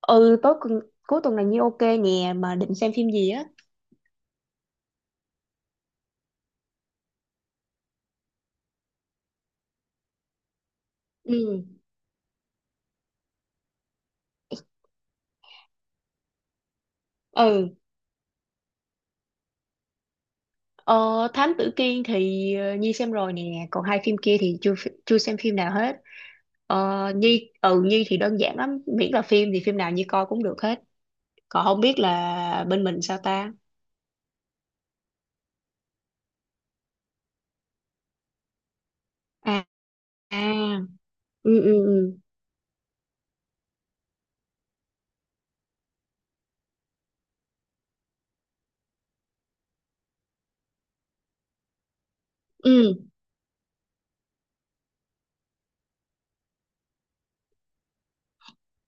Ừ Tối cùng, cuối tuần này ok nè, mà định xem phim gì á. Ừ. Ừ. ờ, Thám Tử Kiên thì Nhi xem rồi nè, còn hai phim kia thì chưa xem phim nào hết. Nhi, Nhi thì đơn giản lắm, miễn là phim thì phim nào Nhi coi cũng được hết. Còn không biết là bên mình sao ta? À. À. Ừ. Ừ. Ừ. Ừ.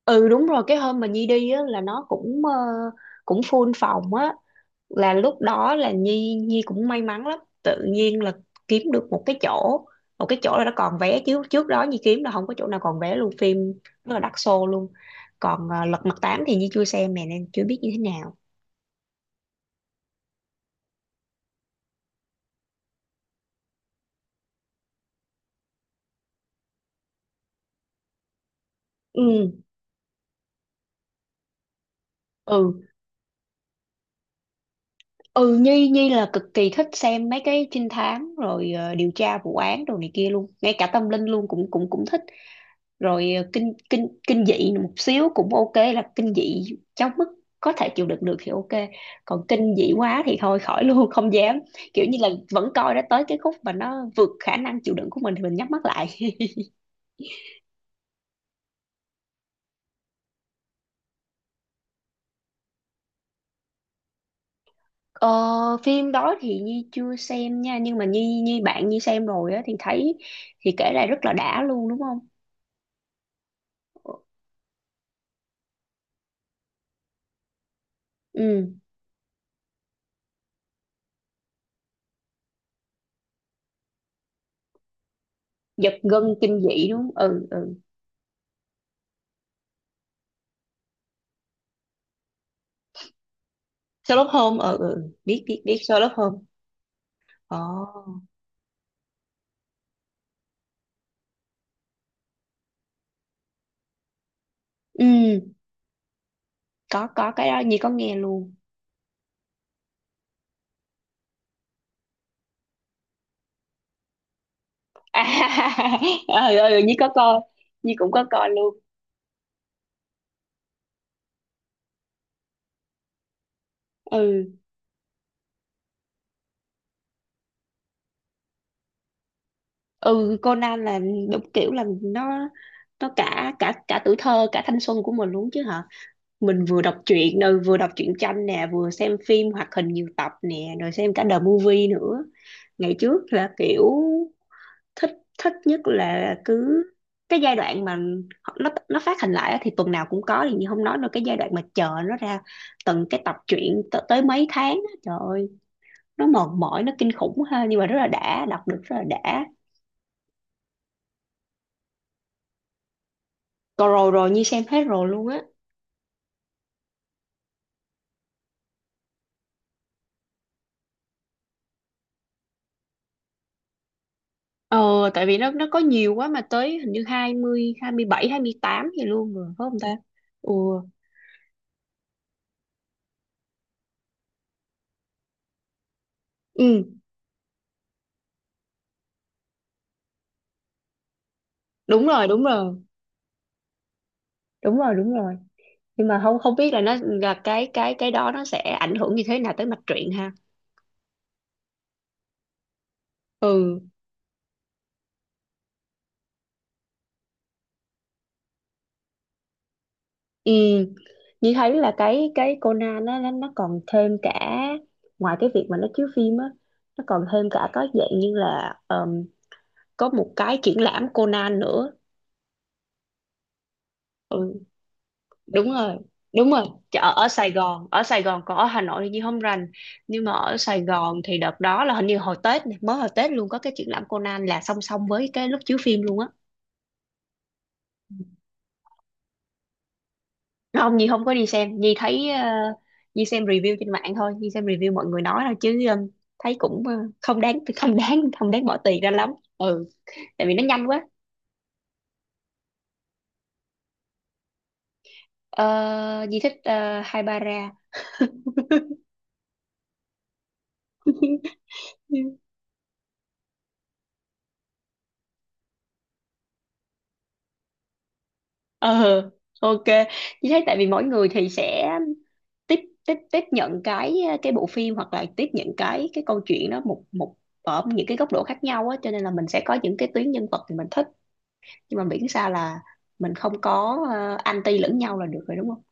Ừ, đúng rồi, cái hôm mà Nhi đi á là nó cũng cũng full phòng á, là lúc đó là Nhi Nhi cũng may mắn lắm, tự nhiên là kiếm được một cái chỗ, một cái chỗ là nó còn vé, chứ trước đó Nhi kiếm là không có chỗ nào còn vé luôn, phim rất là đắt xô luôn. Còn Lật Mặt Tám thì Nhi chưa xem nè, nên chưa biết như thế nào. Ừ. Ừ. Ừ. Nhi Nhi là cực kỳ thích xem mấy cái trinh thám rồi, điều tra vụ án đồ này kia luôn, ngay cả tâm linh luôn cũng cũng cũng thích. Rồi kinh kinh kinh dị một xíu cũng ok, là kinh dị trong mức có thể chịu đựng được thì ok, còn kinh dị quá thì thôi khỏi luôn. Không dám. Kiểu như là vẫn coi, đã tới cái khúc mà nó vượt khả năng chịu đựng của mình thì mình nhắm mắt lại. ờ, Phim đó thì Nhi chưa xem nha, nhưng mà Nhi, bạn Nhi xem rồi á, thì thấy, thì kể lại rất là đã luôn, đúng không? Ừ. Giật gân kinh dị đúng không? Ừ. Ừ. Sherlock Holmes. Ừ. Ừ, biết, biết Sherlock Holmes. Ồ. Ừ, có cái đó Nhi có nghe luôn. À, ừ, ừ Nhi có coi. Nhi cũng có coi luôn. Ừ. Ừ Conan là, đúng kiểu là nó cả cả cả tuổi thơ cả thanh xuân của mình luôn chứ hả. Mình vừa đọc truyện rồi, vừa đọc truyện tranh nè, vừa xem phim hoạt hình nhiều tập nè, rồi xem cả the movie nữa. Ngày trước là kiểu thích, thích nhất là cứ cái giai đoạn mà nó phát hành lại á, thì tuần nào cũng có thì không nói rồi. Cái giai đoạn mà chờ nó ra từng tập truyện tới mấy tháng á, trời ơi, nó mệt mỏi, nó kinh khủng ha, nhưng mà rất là đã, đọc được rất là đã. Còn rồi, rồi Nhi xem hết rồi luôn á. Ờ, tại vì nó có nhiều quá, mà tới hình như hai hai mươi, 27 28 gì luôn rồi, phải không ta? Ừ. Ừ, đúng rồi, đúng rồi. Đúng rồi, đúng rồi. Nhưng mà không, không biết là nó là cái, cái đó nó sẽ ảnh hưởng như thế nào tới mạch truyện ha. Ừ. ừ Như thấy là cái Conan nó, nó còn thêm cả, ngoài cái việc mà nó chiếu phim á, nó còn thêm cả có dạng như là có một cái triển lãm Conan nữa. Ừ, đúng rồi. Đúng rồi. Chợ ở Sài Gòn, ở Sài Gòn. Còn ở Hà Nội thì Nhi không rành, nhưng mà ở Sài Gòn thì đợt đó là hình như hồi Tết này, mới hồi Tết luôn, có cái triển lãm Conan là song song với cái lúc chiếu phim luôn á. Không, Nhi không có đi xem. Nhi thấy Nhi xem review trên mạng thôi, Nhi xem review mọi người nói thôi, chứ thấy cũng không đáng, không đáng, không đáng bỏ tiền ra lắm. Ừ, tại vì nó nhanh quá. Ờ, Nhi thích Haibara. Ờ, ok. Chị thấy tại vì mỗi người thì sẽ tiếp, tiếp nhận cái bộ phim, hoặc là tiếp nhận cái câu chuyện đó một, ở những cái góc độ khác nhau á, cho nên là mình sẽ có những cái tuyến nhân vật thì mình thích, nhưng mà miễn sao là mình không có anti lẫn nhau là được rồi, đúng không?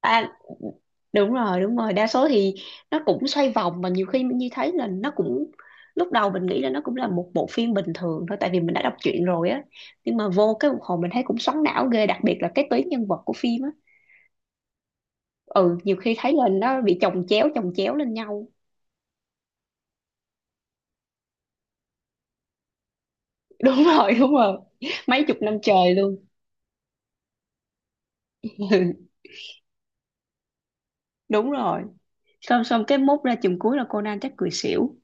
À, đúng rồi, đúng rồi. Đa số thì nó cũng xoay vòng, mà nhiều khi mình thấy là nó cũng, lúc đầu mình nghĩ là nó cũng là một bộ phim bình thường thôi, tại vì mình đã đọc truyện rồi á, nhưng mà vô cái một hồi mình thấy cũng xoắn não ghê, đặc biệt là cái tuyến nhân vật của phim á. Ừ, nhiều khi thấy là nó bị chồng chéo, chồng chéo lên nhau. Đúng rồi, đúng rồi. Mấy chục năm trời luôn. Đúng rồi. Xong, xong cái mốt ra chùm cuối là Conan chắc cười xỉu.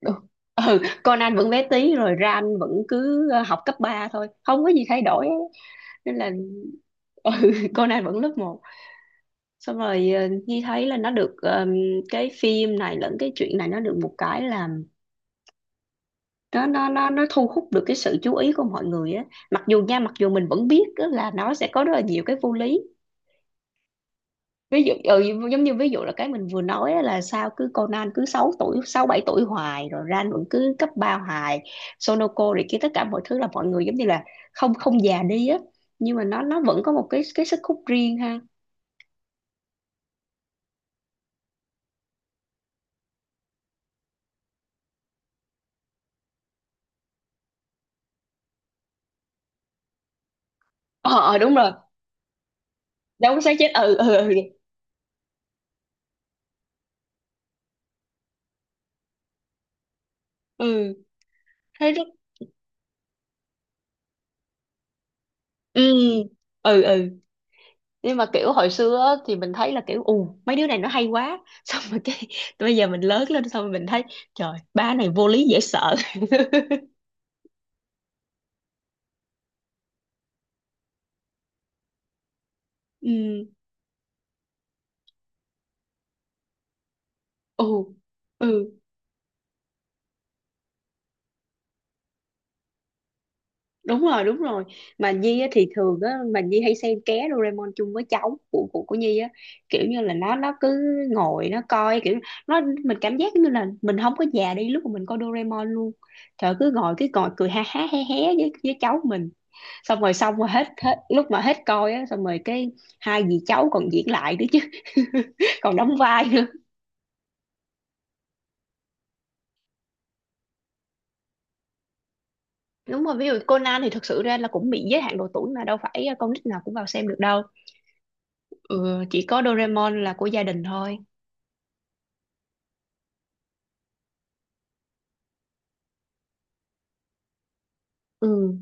Ừ. Ừ, Conan vẫn bé tí, rồi Ran vẫn cứ học cấp 3 thôi, không có gì thay đổi. Nên là ừ, cô này vẫn lớp 1. Xong rồi Nhi thấy là nó được, cái phim này lẫn cái chuyện này nó được một cái là nó, nó thu hút được cái sự chú ý của mọi người á, mặc dù nha, mặc dù mình vẫn biết á là nó sẽ có rất là nhiều cái vô lý. Ví dụ giống như ví dụ là cái mình vừa nói á, là sao cứ Conan cứ 6 tuổi 6 7 tuổi hoài, rồi Ran vẫn cứ cấp 3 hoài, Sonoko rồi kia, tất cả mọi thứ là mọi người giống như là không, không già đi á, nhưng mà nó vẫn có một cái sức hút riêng ha. Ờ. Ờ, đúng rồi. Đúng, xác chết. Ừ. Ừ. Ừ. Ừ, thấy rất. Ừ. Ừ. Ừ, nhưng mà kiểu hồi xưa á, thì mình thấy là kiểu ù mấy đứa này nó hay quá. Xong rồi cái bây giờ mình lớn lên, xong rồi mình thấy trời ba này vô lý dễ sợ. Ừ. Ừ. Ừ. Đúng rồi, đúng rồi. Mà Nhi á, thì thường á mà Nhi hay xem ké Doraemon chung với cháu của của Nhi á. Kiểu như là nó cứ ngồi nó coi, kiểu nó mình cảm giác như là mình không có già đi lúc mà mình coi Doraemon luôn. Trời, cứ ngồi, cứ ngồi cười ha ha hé hé với, cháu mình. Xong rồi, xong rồi hết, hết lúc mà hết coi á, xong rồi cái hai dì cháu còn diễn lại nữa chứ. Còn đóng vai nữa. Đúng rồi, ví dụ Conan thì thật sự ra là cũng bị giới hạn độ tuổi, mà đâu phải con nít nào cũng vào xem được đâu. Ừ, chỉ có Doraemon là của gia đình thôi. Ừ,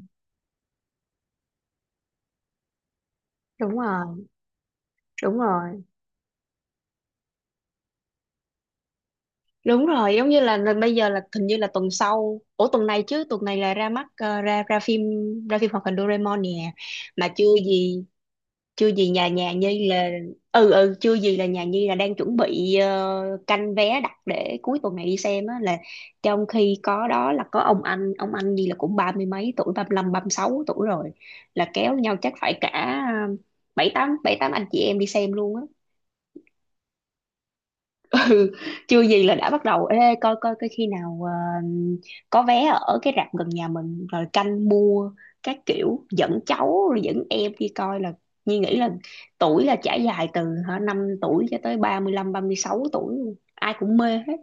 đúng rồi, đúng rồi. Đúng rồi, giống như là bây giờ là hình như là tuần sau, ủa tuần này chứ, tuần này là ra mắt ra, ra phim, ra phim hoạt hình Doraemon nè. Mà chưa gì, chưa gì nhà nhà Nhi là, ừ. Ừ, chưa gì là nhà Nhi là đang chuẩn bị canh vé đặt để cuối tuần này đi xem á, là trong khi có đó là có ông anh, ông anh Nhi là cũng ba mươi mấy tuổi, 35 36 tuổi rồi, là kéo nhau chắc phải cả ờ, 7 8 7 8 anh chị em đi xem luôn á. Ừ, chưa gì là đã bắt đầu ê coi, coi khi nào có vé ở cái rạp gần nhà mình rồi canh mua, các kiểu dẫn cháu rồi dẫn em đi coi, là Nhi nghĩ là tuổi là trải dài từ hả 5 tuổi cho tới ba, 35 36 tuổi luôn. Ai cũng mê hết.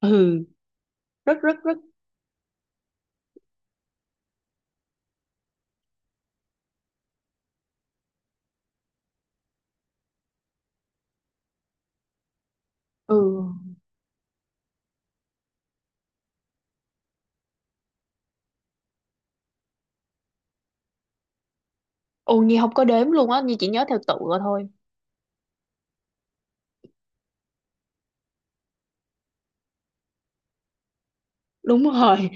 Ừ rất rất rất. Ừ. Ồ, Nhi không có đếm luôn á, Nhi chỉ nhớ theo tựa thôi. Đúng rồi,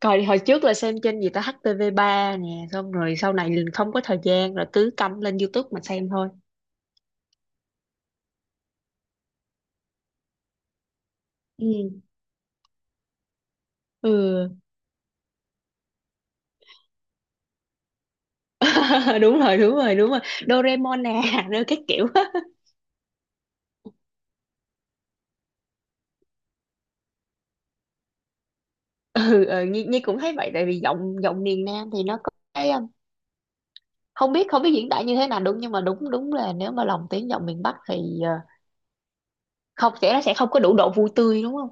coi hồi trước là xem trên gì ta, HTV3 nè, xong rồi sau này liền không có thời gian rồi, cứ cắm lên YouTube mà xem thôi. Ừ. Ừ. Đúng rồi, đúng rồi. Doraemon nè. Rồi cái kiểu á. Ừ, ừ Nhi, Nhi cũng thấy vậy, tại vì giọng, giọng miền Nam thì nó có cái không biết, không biết diễn tả như thế nào đúng, nhưng mà đúng, đúng là nếu mà lồng tiếng giọng miền Bắc thì không, sẽ nó sẽ không có đủ độ vui tươi, đúng không?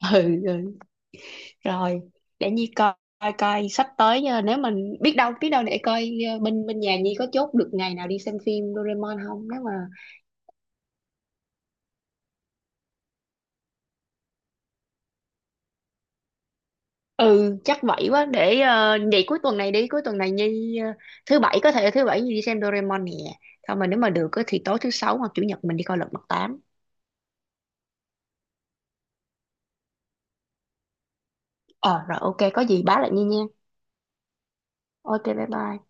Ừ, ừ. Rồi để Nhi coi, coi sắp tới nếu mình biết đâu, biết đâu, để coi bên, bên nhà Nhi có chốt được ngày nào đi xem phim Doraemon không, nếu mà, ừ. Chắc vậy quá, để vậy cuối tuần này đi, cuối tuần này Nhi thứ bảy, có thể thứ bảy Nhi đi xem Doraemon nè. Thôi mà nếu mà được á thì tối thứ sáu hoặc chủ nhật mình đi coi Lật Mặt Tám. Ờ rồi, ok, có gì báo lại Nhi nha. Ok bye bye.